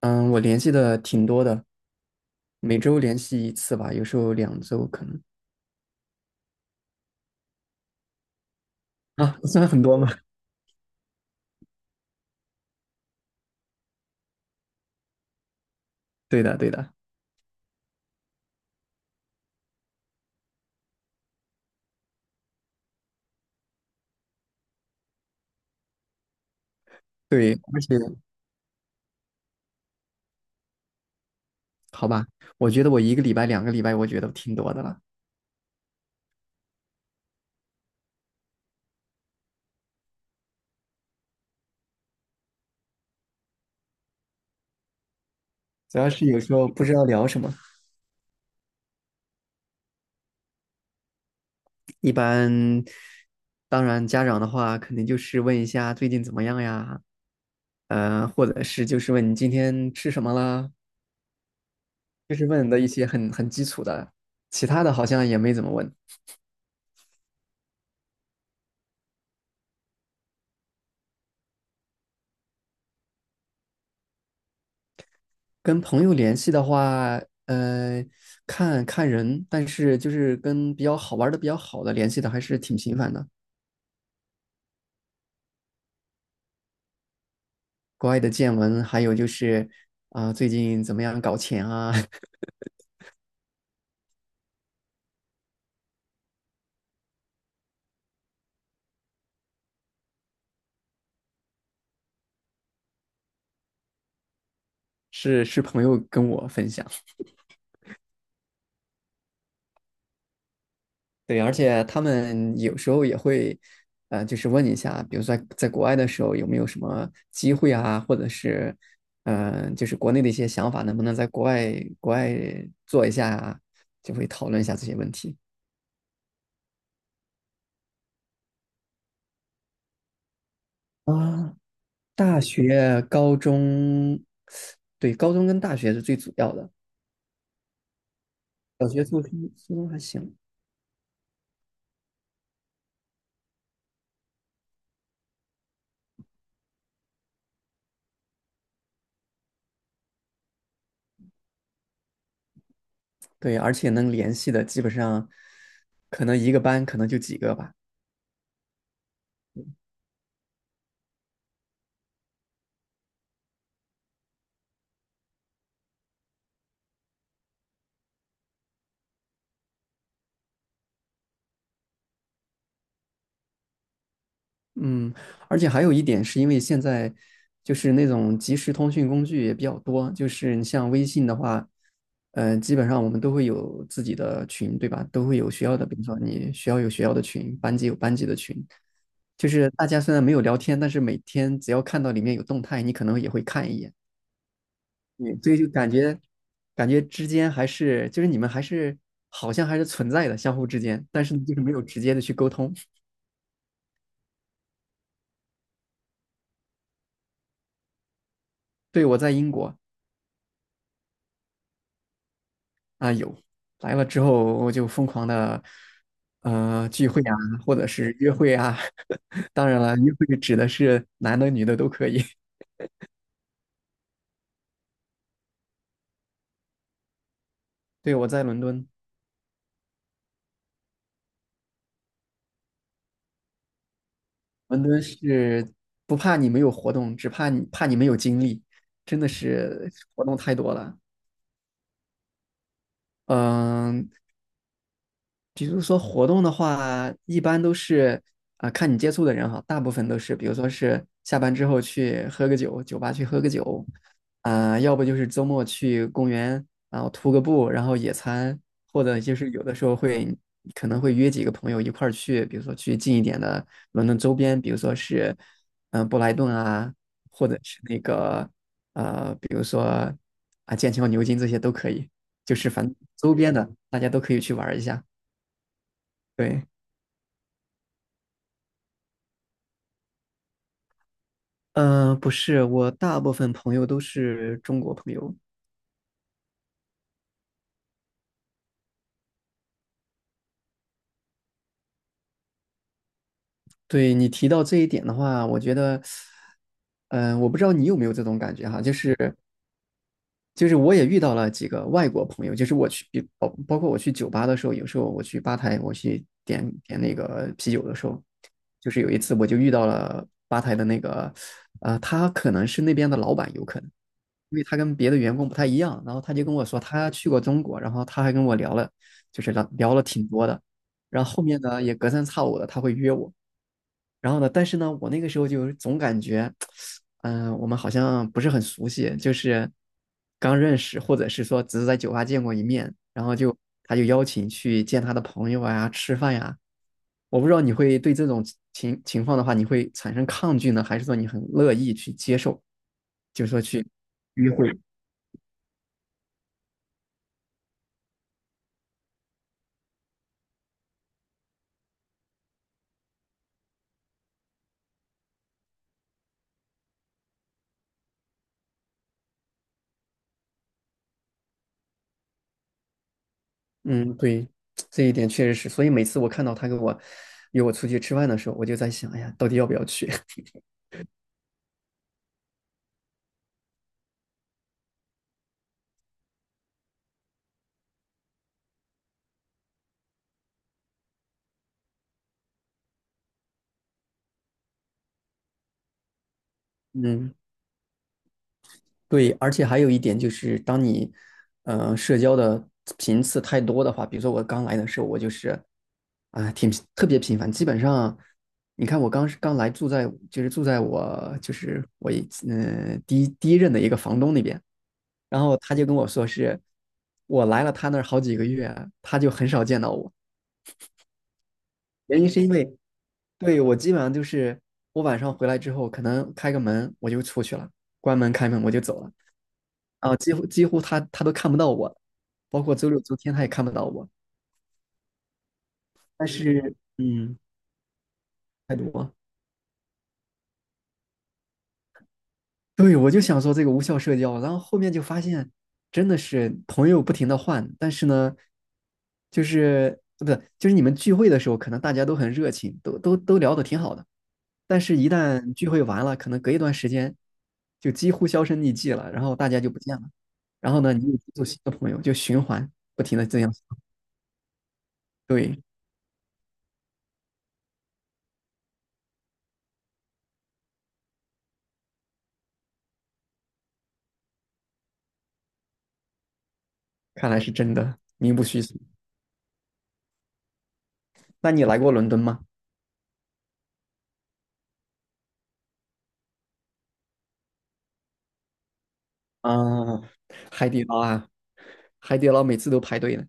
嗯，我联系的挺多的，每周联系一次吧，有时候两周可能。啊，算很多吗？对的，对的。对，而且好吧，我觉得我一个礼拜、两个礼拜，我觉得挺多的了。主要是有时候不知道聊什么。一般，当然家长的话，肯定就是问一下最近怎么样呀，或者是就是问你今天吃什么啦，就是问的一些很基础的，其他的好像也没怎么问。跟朋友联系的话，呃，看看人，但是就是跟比较好玩的、比较好的联系的还是挺频繁的。国外的见闻，还有就是啊、最近怎么样搞钱啊？是是朋友跟我分享。对，而且他们有时候也会，就是问一下，比如说在国外的时候有没有什么机会啊，或者是，嗯、就是国内的一些想法，能不能在国外国外做一下啊，就会讨论一下这些问题。啊，大学、高中，对，高中跟大学是最主要的。小学、初中、初中还行。对，而且能联系的基本上，可能一个班可能就几个吧。嗯，而且还有一点是因为现在就是那种即时通讯工具也比较多，就是你像微信的话，嗯，基本上我们都会有自己的群，对吧？都会有学校的，比如说你学校有学校的群，班级有班级的群，就是大家虽然没有聊天，但是每天只要看到里面有动态，你可能也会看一眼。对，所以就感觉之间还是就是你们还是好像还是存在的，相互之间，但是就是没有直接的去沟通。对，我在英国。来了之后，我就疯狂的聚会啊，或者是约会啊。当然了，约会指的是男的女的都可以。对，我在伦敦。伦敦是不怕你没有活动，只怕你没有精力，真的是活动太多了。嗯、比如说活动的话，一般都是啊、看你接触的人哈，大部分都是，比如说是下班之后去喝个酒，酒吧去喝个酒，啊、要不就是周末去公园，然后徒个步，然后野餐，或者就是有的时候会可能会约几个朋友一块儿去，比如说去近一点的伦敦周边，比如说是嗯、布莱顿啊，或者是那个比如说啊剑桥、牛津这些都可以，就是反正周边的大家都可以去玩儿一下。对，不是，我大部分朋友都是中国朋友。对你提到这一点的话，我觉得，嗯、我不知道你有没有这种感觉哈，就是就是我也遇到了几个外国朋友，就是我去包括我去酒吧的时候，有时候我去吧台，我去点那个啤酒的时候，就是有一次我就遇到了吧台的那个，他可能是那边的老板，有可能。因为他跟别的员工不太一样，然后他就跟我说他去过中国，然后他还跟我聊了，就是聊了挺多的，然后后面呢也隔三差五的他会约我，然后呢，但是呢我那个时候就总感觉，嗯、我们好像不是很熟悉，就是刚认识，或者是说只是在酒吧见过一面，然后就他就邀请去见他的朋友啊，吃饭呀、我不知道你会对这种情况的话，你会产生抗拒呢，还是说你很乐意去接受，就是说去嗯。对，这一点确实是，所以每次我看到他跟我约我出去吃饭的时候，我就在想，哎呀，到底要不要去？嗯，对，而且还有一点就是，当你社交的频次太多的话，比如说我刚来的时候，我就是啊、挺特别频繁，基本上你看我刚来住在就是住在我就是我一嗯、呃第一第一任的一个房东那边，然后他就跟我说是我来了他那儿好几个月，他就很少见到我。原因是因为对，我基本上就是我晚上回来之后，可能开个门我就出去了，关门开门我就走了，啊，几乎他都看不到我，包括周六周天他也看不到我。但是，嗯，太多。对，我就想说这个无效社交，然后后面就发现真的是朋友不停的换，但是呢，就是不是就是你们聚会的时候，可能大家都很热情，都聊得挺好的，但是一旦聚会完了，可能隔一段时间就几乎销声匿迹了，然后大家就不见了，然后呢，你又接触新的朋友，就循环不停的这样。对，看来是真的名不虚传。那你来过伦敦吗？啊，海底捞啊，海底捞每次都排队呢。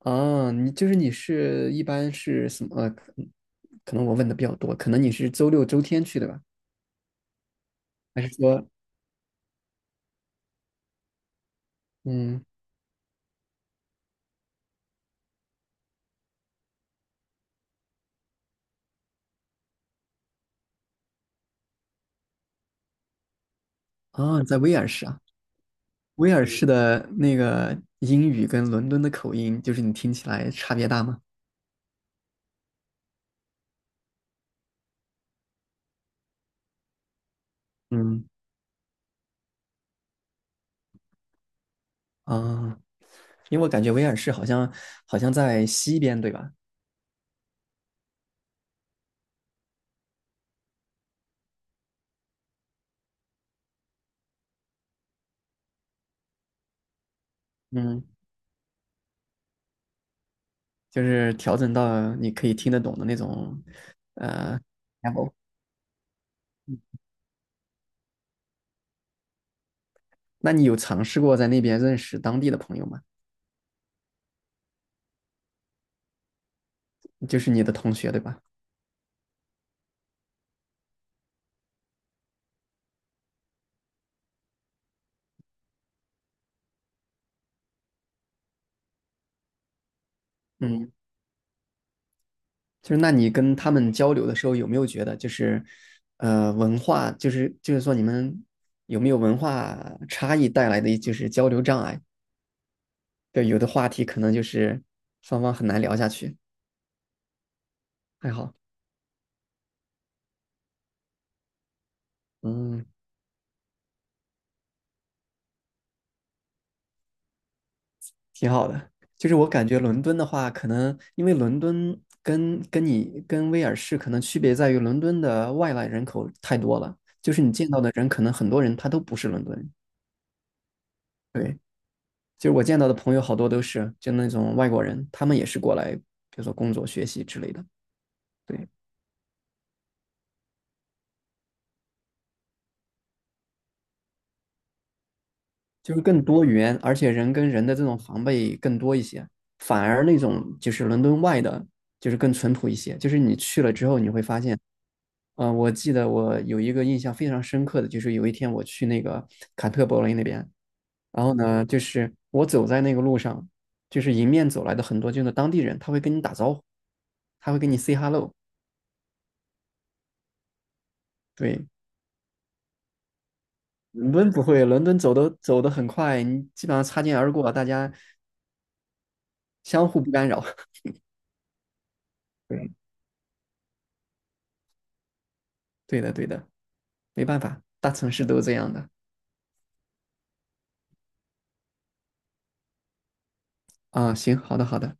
啊，你就是你是一般是什么？可能我问的比较多，可能你是周六周天去的吧？还是说，嗯，啊，在威尔士啊？威尔士的那个英语跟伦敦的口音，就是你听起来差别大吗？嗯，啊，因为我感觉威尔士好像好像在西边，对吧？嗯，就是调整到你可以听得懂的那种，呃 l e 那你有尝试过在那边认识当地的朋友吗？就是你的同学，对吧？嗯。就是那你跟他们交流的时候，有没有觉得就是，文化就是说你们有没有文化差异带来的就是交流障碍？对，有的话题可能就是双方很难聊下去。还好，嗯，挺好的。就是我感觉伦敦的话，可能因为伦敦跟你跟威尔士可能区别在于，伦敦的外来人口太多了，就是你见到的人可能很多人他都不是伦敦人。对。就是我见到的朋友好多都是就那种外国人，他们也是过来，比如说工作、学习之类的。对，就是更多元，而且人跟人的这种防备更多一些。反而那种就是伦敦外的，就是更淳朴一些。就是你去了之后，你会发现，我记得我有一个印象非常深刻的，就是有一天我去那个坎特伯雷那边，然后呢，就是我走在那个路上，就是迎面走来的很多就是当地人，他会跟你打招呼，他会跟你 say hello。对，伦敦不会，伦敦走的很快，你基本上擦肩而过，大家相互不干扰。对，对的，对的，没办法，大城市都是这样的啊。行，好的，好的。